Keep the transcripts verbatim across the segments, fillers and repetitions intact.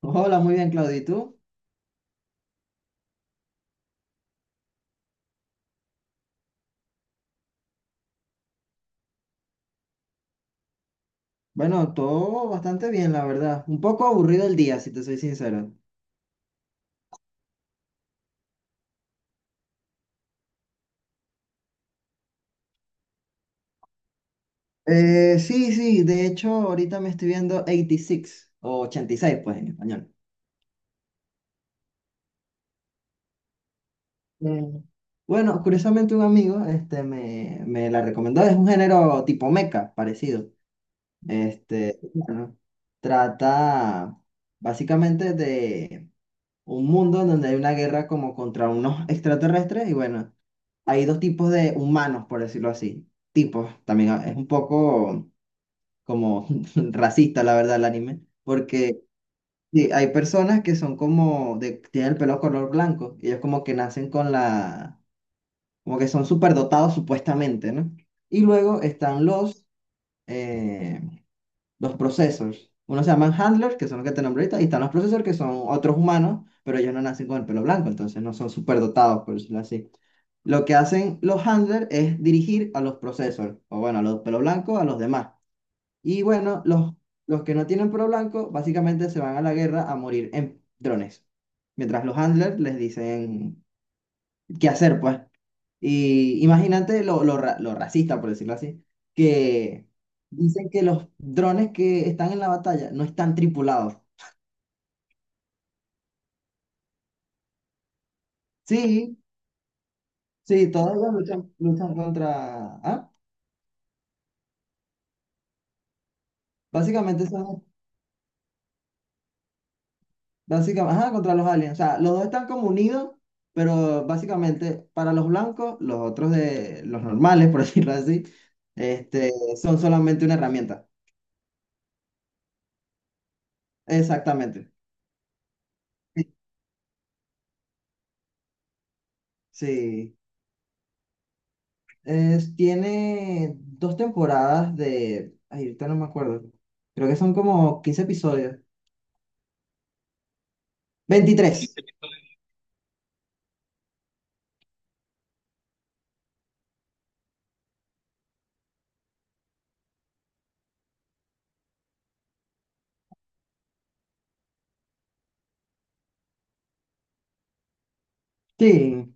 Hola, muy bien, Claudio. ¿Y tú? Bueno, todo bastante bien, la verdad. Un poco aburrido el día, si te soy sincero. Eh, sí, sí, de hecho, ahorita me estoy viendo ochenta y seis o ochenta y seis, pues en español. Mm. Bueno, curiosamente un amigo este, me, me la recomendó. Es un género tipo meca, parecido. Este, bueno, trata básicamente de un mundo en donde hay una guerra como contra unos extraterrestres y bueno, hay dos tipos de humanos, por decirlo así. Tipos, también ah, es un poco como racista, la verdad, el anime, porque sí, hay personas que son como, de, tienen el pelo color blanco, y ellos como que nacen con la, como que son superdotados supuestamente, ¿no? Y luego están los, eh, los processors. Uno se llaman handlers, que son los que te nombré ahorita, y están los processors, que son otros humanos, pero ellos no nacen con el pelo blanco, entonces no son superdotados, por decirlo así. Lo que hacen los handlers es dirigir a los processors, o bueno, a los pelo blanco, a los demás. Y bueno, los, los que no tienen pelo blanco, básicamente se van a la guerra a morir en drones. Mientras los handlers les dicen qué hacer, pues. Y imagínate lo, lo, ra- lo racista, por decirlo así, que dicen que los drones que están en la batalla no están tripulados. Sí, sí, todos ellos luchan, luchan contra... ¿Ah? Básicamente son... Básicamente, ajá, contra los aliens. O sea, los dos están como unidos, pero básicamente para los blancos, los otros de los normales, por decirlo así, este, son solamente una herramienta. Exactamente. Sí. Es- tiene dos temporadas de... Ay, ahorita no me acuerdo. Creo que son como quince episodios. Veintitrés. Sí.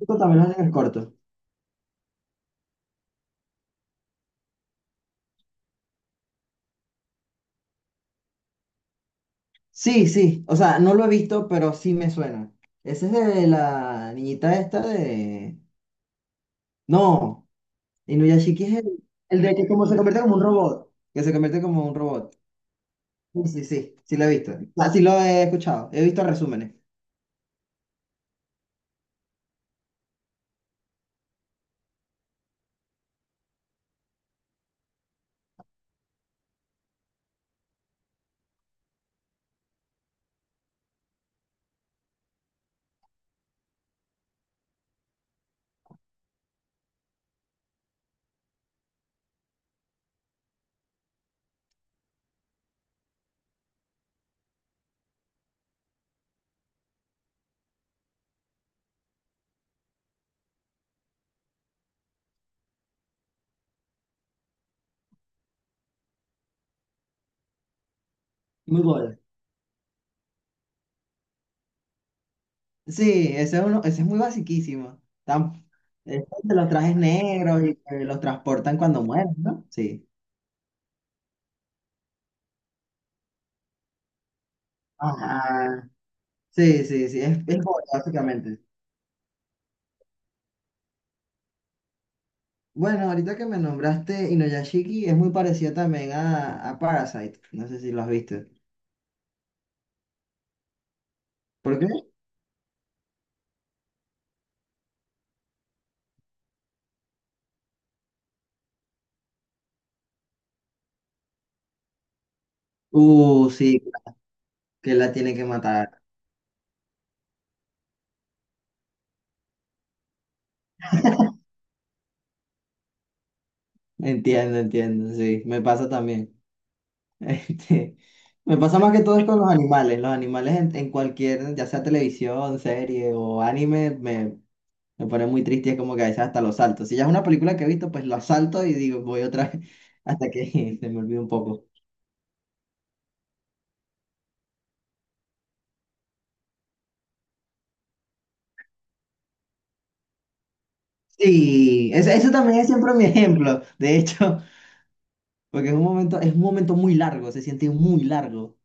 Esto también lo hacen en el corto. Sí, sí. O sea, no lo he visto, pero sí me suena. Ese es de la niñita esta de... No. Inuyashiki es el, el de que como se convierte como un robot. Que se convierte como un robot. Sí, sí, sí. Sí lo he visto. Ah, sí lo he escuchado. He visto resúmenes. Muy bueno. Sí, ese es, uno, ese es muy basiquísimo. Tan, es de los trajes negros y que los transportan cuando mueren, ¿no? Sí. Ajá. Sí, sí, sí, es, es joya, básicamente. Bueno, ahorita que me nombraste Inuyashiki es muy parecido también a, a Parasite. No sé si lo has visto. ¿Por qué? Uh, sí, que la tiene que matar. Entiendo, entiendo, sí, me pasa también. Este, me pasa más que todo es con los animales. Los animales en, en cualquier, ya sea televisión, serie o anime, me, me pone muy triste y es como que a veces hasta los salto. Si ya es una película que he visto, pues la salto y digo, voy otra vez hasta que se me olvide un poco. Sí, eso, eso también es siempre mi ejemplo, de hecho. Porque es un momento, es un momento muy largo, se siente muy largo.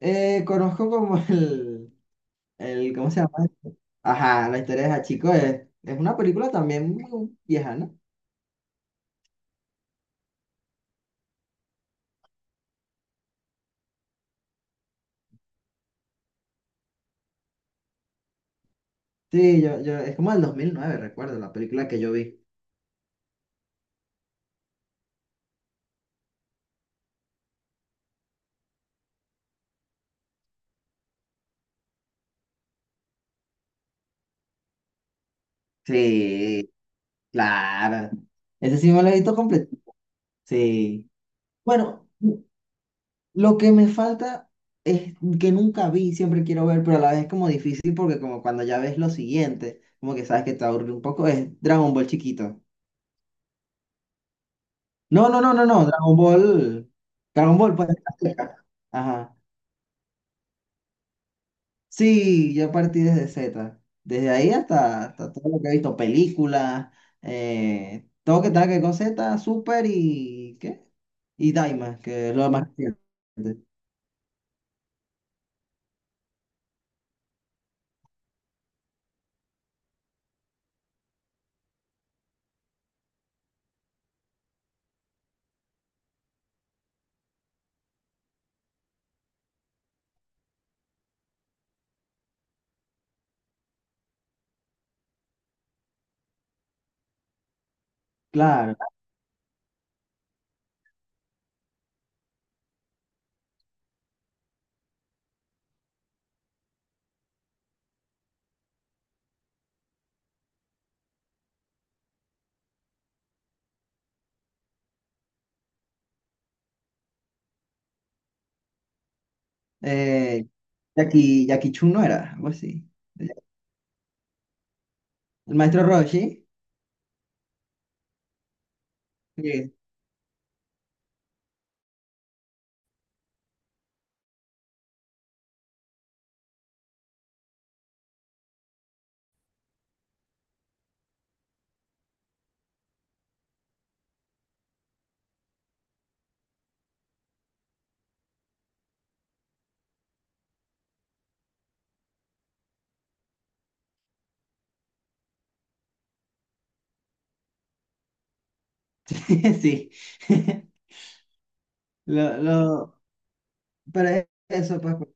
Eh, conozco como el, el, ¿cómo se llama esto? Ajá, la historia de Hachiko es, es una película también muy vieja, ¿no? Sí, yo, yo, es como del dos mil nueve recuerdo, la película que yo vi. Sí, claro. Ese sí me lo he visto completo. Sí. Bueno. Lo que me falta es que nunca vi, siempre quiero ver, pero a la vez es como difícil porque como cuando ya ves lo siguiente, como que sabes que te aburre un poco, es Dragon Ball chiquito. No, no, no, no, no, Dragon Ball. Dragon Ball, pues. Azteca. Ajá. Sí, yo partí desde Z. Desde ahí hasta, hasta todo lo que he visto, películas, eh, todo que tenga que ver con Z, Super y ¿qué? Y Daima, que es lo más reciente. Claro. Eh, Jackie, Jackie Chun, no era algo así. El maestro Roshi, sí. Sí. Lo, lo, pero es eso, pues, pues,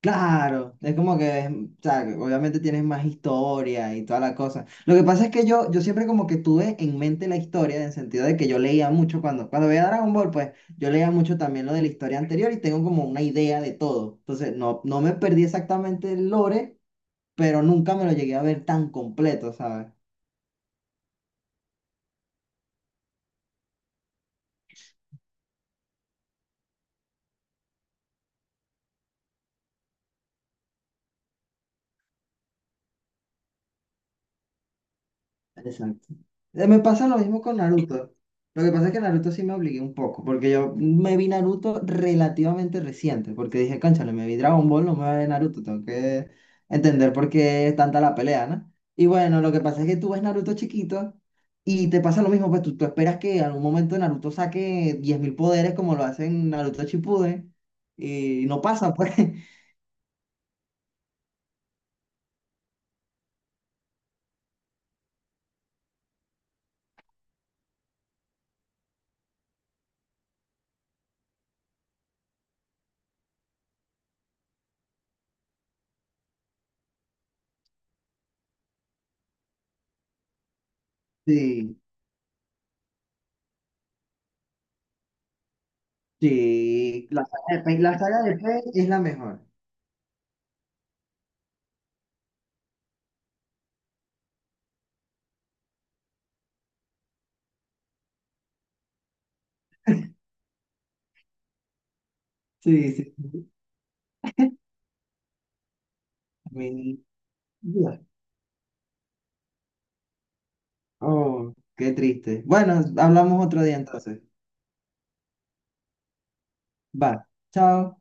claro, es como que, es- o sea, que obviamente tienes más historia y toda la cosa. Lo que pasa es que yo, yo siempre como que tuve en mente la historia, en el sentido de que yo leía mucho cuando, cuando veía Dragon Ball, pues, yo leía mucho también lo de la historia anterior y tengo como una idea de todo. Entonces, no, no me perdí exactamente el lore, pero nunca me lo llegué a ver tan completo, ¿sabes? Exacto. Eh, me pasa lo mismo con Naruto. Lo que pasa es que Naruto sí me obligué un poco, porque yo me vi Naruto relativamente reciente, porque dije, cónchale, me vi Dragon Ball, no me voy a ver Naruto, tengo que entender por qué es tanta la pelea, ¿no? Y bueno, lo que pasa es que tú ves Naruto chiquito y te pasa lo mismo, pues tú, tú esperas que en algún momento Naruto saque diez mil poderes como lo hacen Naruto Shippuden, y no pasa, pues. Sí, sí, la saga de Pain, la saga de Pain es la mejor. Sí, sí. Ya. Oh, qué triste. Bueno, hablamos otro día entonces. Va. Chao.